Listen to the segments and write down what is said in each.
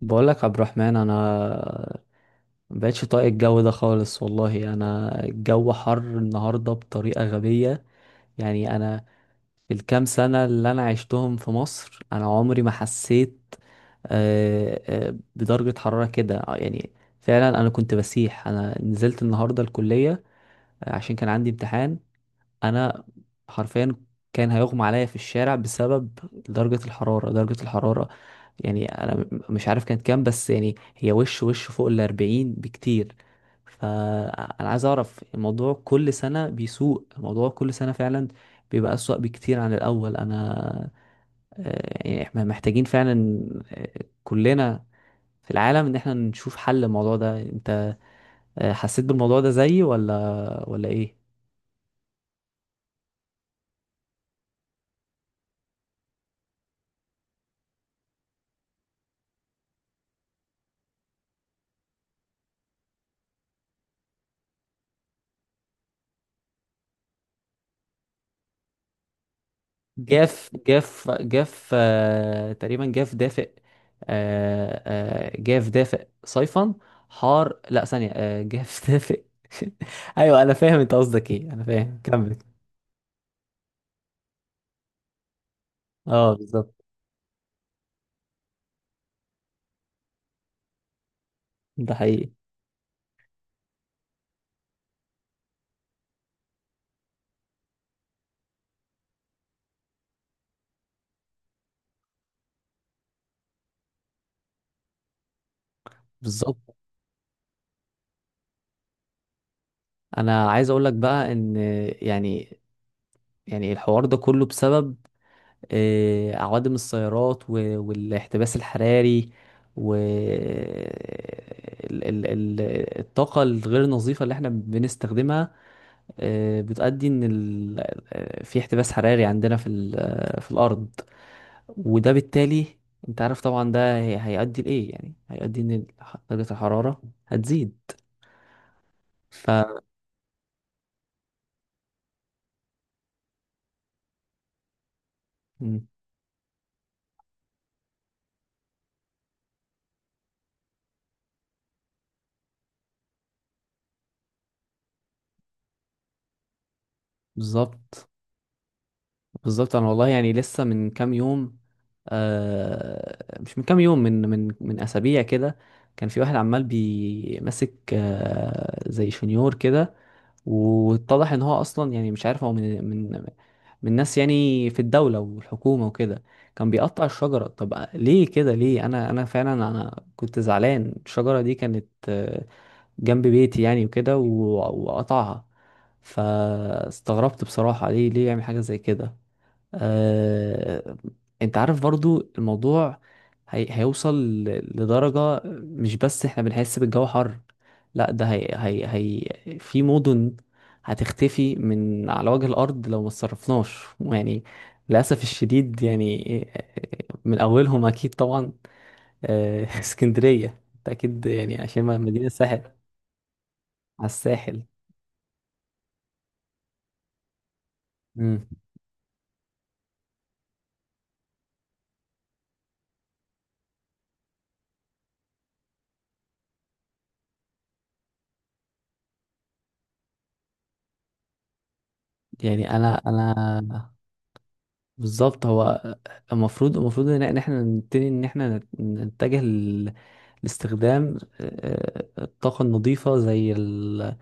بقولك عبد الرحمن، انا مبقتش طايق الجو ده خالص والله. انا الجو حر النهارده بطريقه غبيه. يعني انا في الكام سنه اللي انا عشتهم في مصر انا عمري ما حسيت، آه، بدرجه حراره كده، يعني فعلا. انا كنت بسيح. انا نزلت النهارده الكليه، عشان كان عندي امتحان. انا حرفيا كان هيغمى عليا في الشارع بسبب درجة الحرارة درجة الحرارة. يعني انا مش عارف كانت كام، بس يعني هي وش وش فوق 40 بكتير. فانا عايز اعرف الموضوع، كل سنة بيسوء الموضوع، كل سنة فعلا بيبقى أسوأ بكتير عن الأول. أنا، يعني احنا محتاجين فعلا، آه، كلنا في العالم، إن احنا نشوف حل الموضوع ده. أنت، حسيت بالموضوع ده زيي، ولا إيه؟ جاف جاف جاف، تقريبا جاف دافئ. آه. آه جاف دافئ صيفا حار، لا ثانية، جاف دافئ. ايوه، انا فاهم انت قصدك ايه، انا فاهم، كمل. اه، بالظبط. ده حقيقي. بالظبط. انا عايز اقول لك بقى ان، يعني يعني الحوار ده كله بسبب عوادم السيارات والاحتباس الحراري، و الطاقة الغير نظيفة اللي احنا بنستخدمها بتؤدي ان ال... آه، في احتباس حراري عندنا في ال... آه، في الارض. وده بالتالي، انت عارف طبعا، ده هيؤدي لايه، يعني هيؤدي ان درجة الحرارة هتزيد. ف مم. بالظبط. بالظبط، انا والله يعني لسه من كام يوم، مش من كام يوم، من اسابيع كده. كان في واحد عمال بيمسك، زي شنيور كده، واتضح ان هو اصلا، يعني مش عارف هو من من ناس، يعني في الدولة والحكومة وكده، كان بيقطع الشجرة. طب ليه كده؟ ليه؟ انا فعلا كنت زعلان. الشجرة دي كانت، جنب بيتي يعني، وكده، وقطعها. فاستغربت بصراحة، ليه ليه يعمل حاجة زي كده؟ آه، انت عارف برضو الموضوع هيوصل ل- لدرجة مش بس احنا بنحس بالجو حر، لا، ده في مدن هتختفي من على وجه الأرض لو ما اتصرفناش يعني. للأسف الشديد يعني، من أولهم أكيد طبعا، اسكندرية. أنت أكيد يعني عشان مدينة الساحل، على الساحل. مم. يعني أنا بالظبط. هو المفروض ان، إن احنا نبتدي ان احنا نتجه لاستخدام، الطاقة النظيفة، زي ال-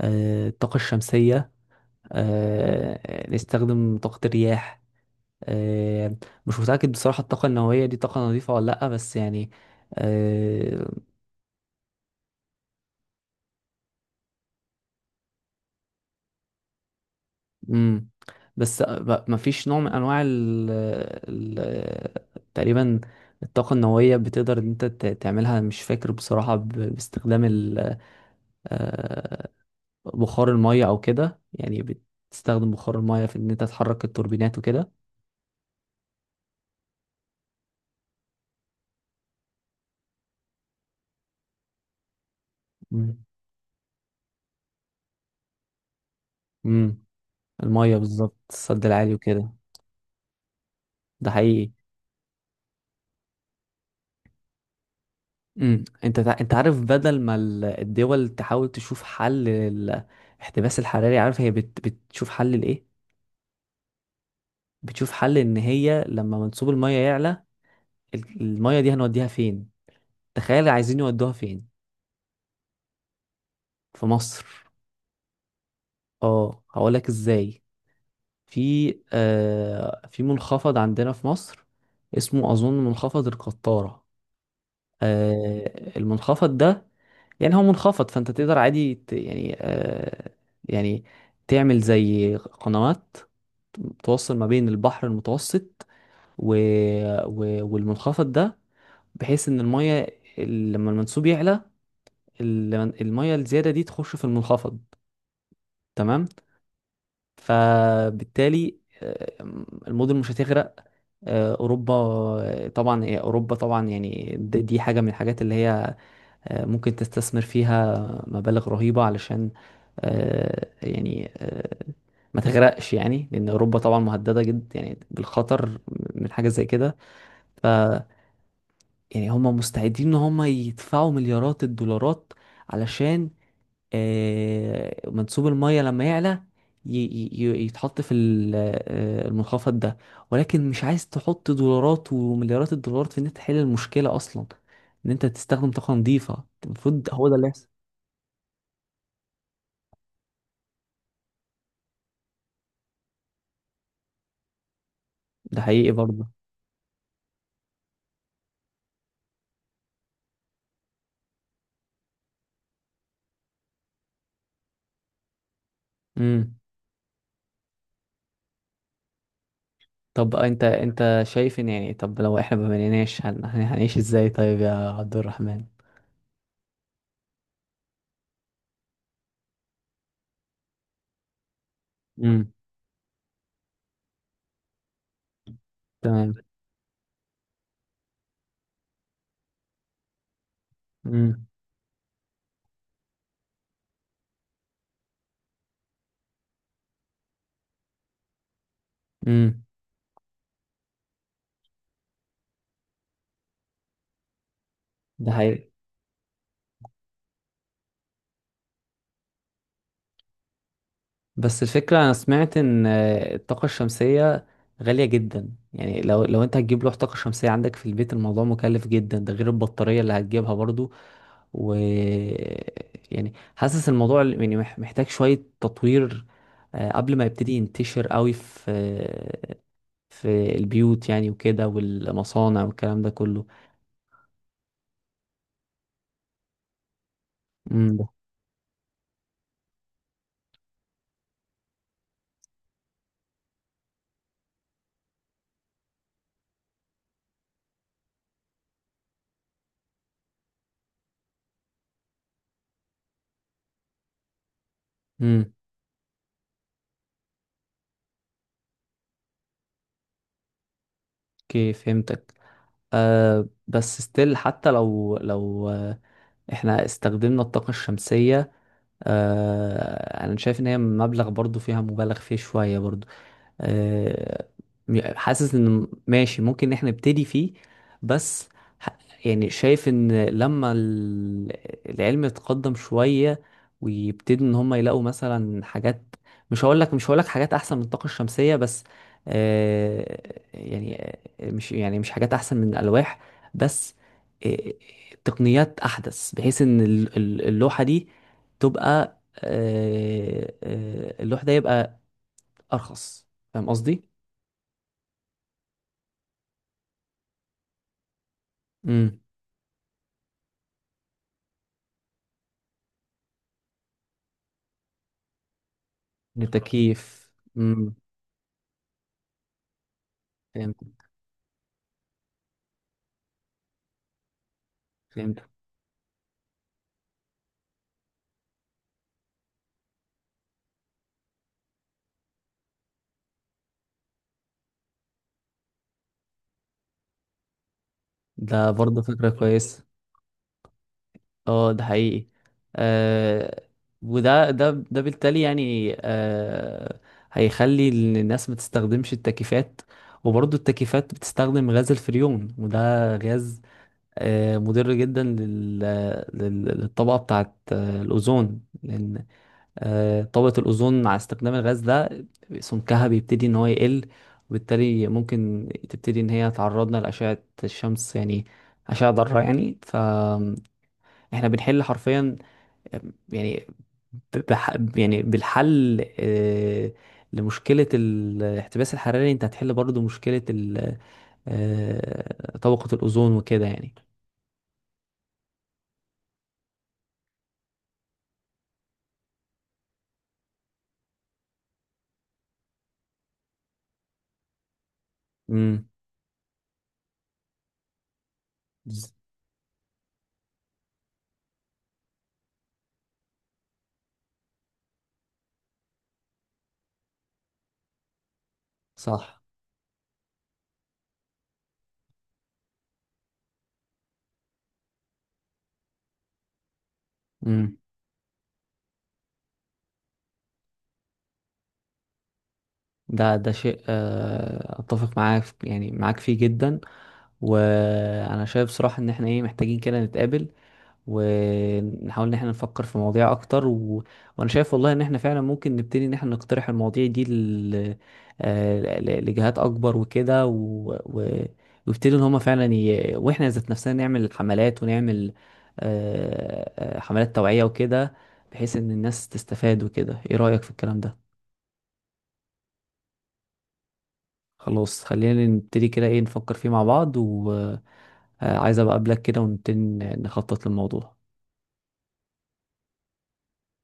آه، الطاقة الشمسية، نستخدم طاقة الرياح، آه، مش متأكد بصراحة الطاقة النووية دي طاقة نظيفة ولا لأ، بس يعني آه، مم. بس مفيش نوع من أنواع ال تقريبا الطاقة النووية، بتقدر إن أنت تعملها، مش فاكر بصراحة، باستخدام آه، بخار المية او كده، يعني بتستخدم بخار المية في ان انت تحرك التوربينات وكده. مم. مم. المية بالظبط، السد العالي وكده. ده حقيقي. مم. انت عارف، بدل ما الدول تحاول تشوف حل الاحتباس الحراري، عارف هي بتشوف حل لايه؟ بتشوف حل ان هي لما منسوب المية يعلى، المية دي هنوديها فين؟ تخيل عايزين يودوها فين؟ في مصر. اه، هقولك ازاي. في، في منخفض عندنا في مصر، اسمه أظن منخفض القطارة. المنخفض ده، يعني هو منخفض، فأنت تقدر عادي، يعني تعمل زي قنوات، توصل ما بين البحر المتوسط و... والمنخفض ده، بحيث إن المية، لما المنسوب يعلى، ال- المية الزيادة دي تخش في المنخفض. تمام. فبالتالي، المدن مش هتغرق. اوروبا، طبعا، اوروبا طبعا، يعني دي حاجه من الحاجات اللي هي، ممكن تستثمر فيها مبالغ رهيبه علشان، يعني ما تغرقش، يعني لان اوروبا طبعا مهدده جدا يعني بالخطر من حاجه زي كده. يعني هم مستعدين ان هم يدفعوا مليارات الدولارات علشان، منسوب المية لما يعلى ي- يتحط في المنخفض ده. ولكن مش عايز تحط دولارات ومليارات الدولارات في ان انت تحل المشكلة اصلا، ان انت تستخدم طاقة نظيفة، المفروض هو ده اللي يحصل. ده حقيقي برضه. امم. طب انت، شايف ان، يعني، طب لو احنا ما بنيناش هنعيش ازاي طيب يا عبد الرحمن؟ امم. تمام. امم. امم. ده حقيقي. بس الفكرة، أنا سمعت إن الطاقة الشمسية غالية جدا. يعني لو أنت هتجيب لوح طاقة شمسية عندك في البيت، الموضوع مكلف جدا، ده غير البطارية اللي هتجيبها برضو. و يعني حاسس الموضوع، يعني محتاج شوية تطوير، قبل ما يبتدي ينتشر قوي في البيوت، يعني وكده، والمصانع والكلام ده كله. امم. امم. اوكي، فهمتك. أه، بس ستيل، حتى لو احنا استخدمنا الطاقة الشمسية، انا شايف ان هي مبلغ برضو، فيها مبالغ فيه شوية برضو، آه، حاسس ان ماشي، ممكن ان احنا نبتدي فيه، بس ح- يعني شايف ان لما العلم يتقدم شوية، ويبتدي ان هم يلاقوا مثلا حاجات، مش هقول لك حاجات احسن من الطاقة الشمسية، بس آه، يعني مش حاجات احسن من الالواح، بس آه، تقنيات احدث، بحيث ان اللوحة دي تبقى، اللوح ده يبقى ارخص. فاهم قصدي؟ امم. للتكييف. امم. فهمت. فهمت. ده برضه فكرة كويسة. اه، ده حقيقي. آه وده ده ده بالتالي يعني، هيخلي إن الناس ما تستخدمش التكييفات. وبرضه التكييفات بتستخدم غاز الفريون، وده غاز مضر جدا للطبقة بتاعت الأوزون، لأن طبقة الأوزون مع استخدام الغاز ده، سمكها بيبتدي إن هو يقل، وبالتالي ممكن تبتدي إن هي تعرضنا لأشعة الشمس يعني، أشعة ضارة يعني. فإحنا بنحل حرفيا، آه، يعني يعني بالحل، لمشكلة الاحتباس الحراري، أنت هتحل برضو مشكلة ال... آه، طبقة الأوزون وكده يعني. امم. صح. ده شيء، اتفق معاك، يعني معاك فيه جدا. وانا شايف صراحة ان احنا ايه، محتاجين كده نتقابل ونحاول ان احنا نفكر في مواضيع اكتر، وانا شايف والله ان احنا فعلا ممكن نبتدي ان احنا نقترح المواضيع دي لجهات اكبر وكده، و... ويبتدوا ان هما فعلا واحنا ذات نفسنا نعمل حملات ونعمل، حملات توعية وكده، بحيث ان الناس تستفاد وكده. ايه رأيك في الكلام ده؟ خلاص، خلينا نبتدي كده، ايه، نفكر فيه مع بعض، وعايز ابقى اقابلك كده، ونبتدي نخطط للموضوع.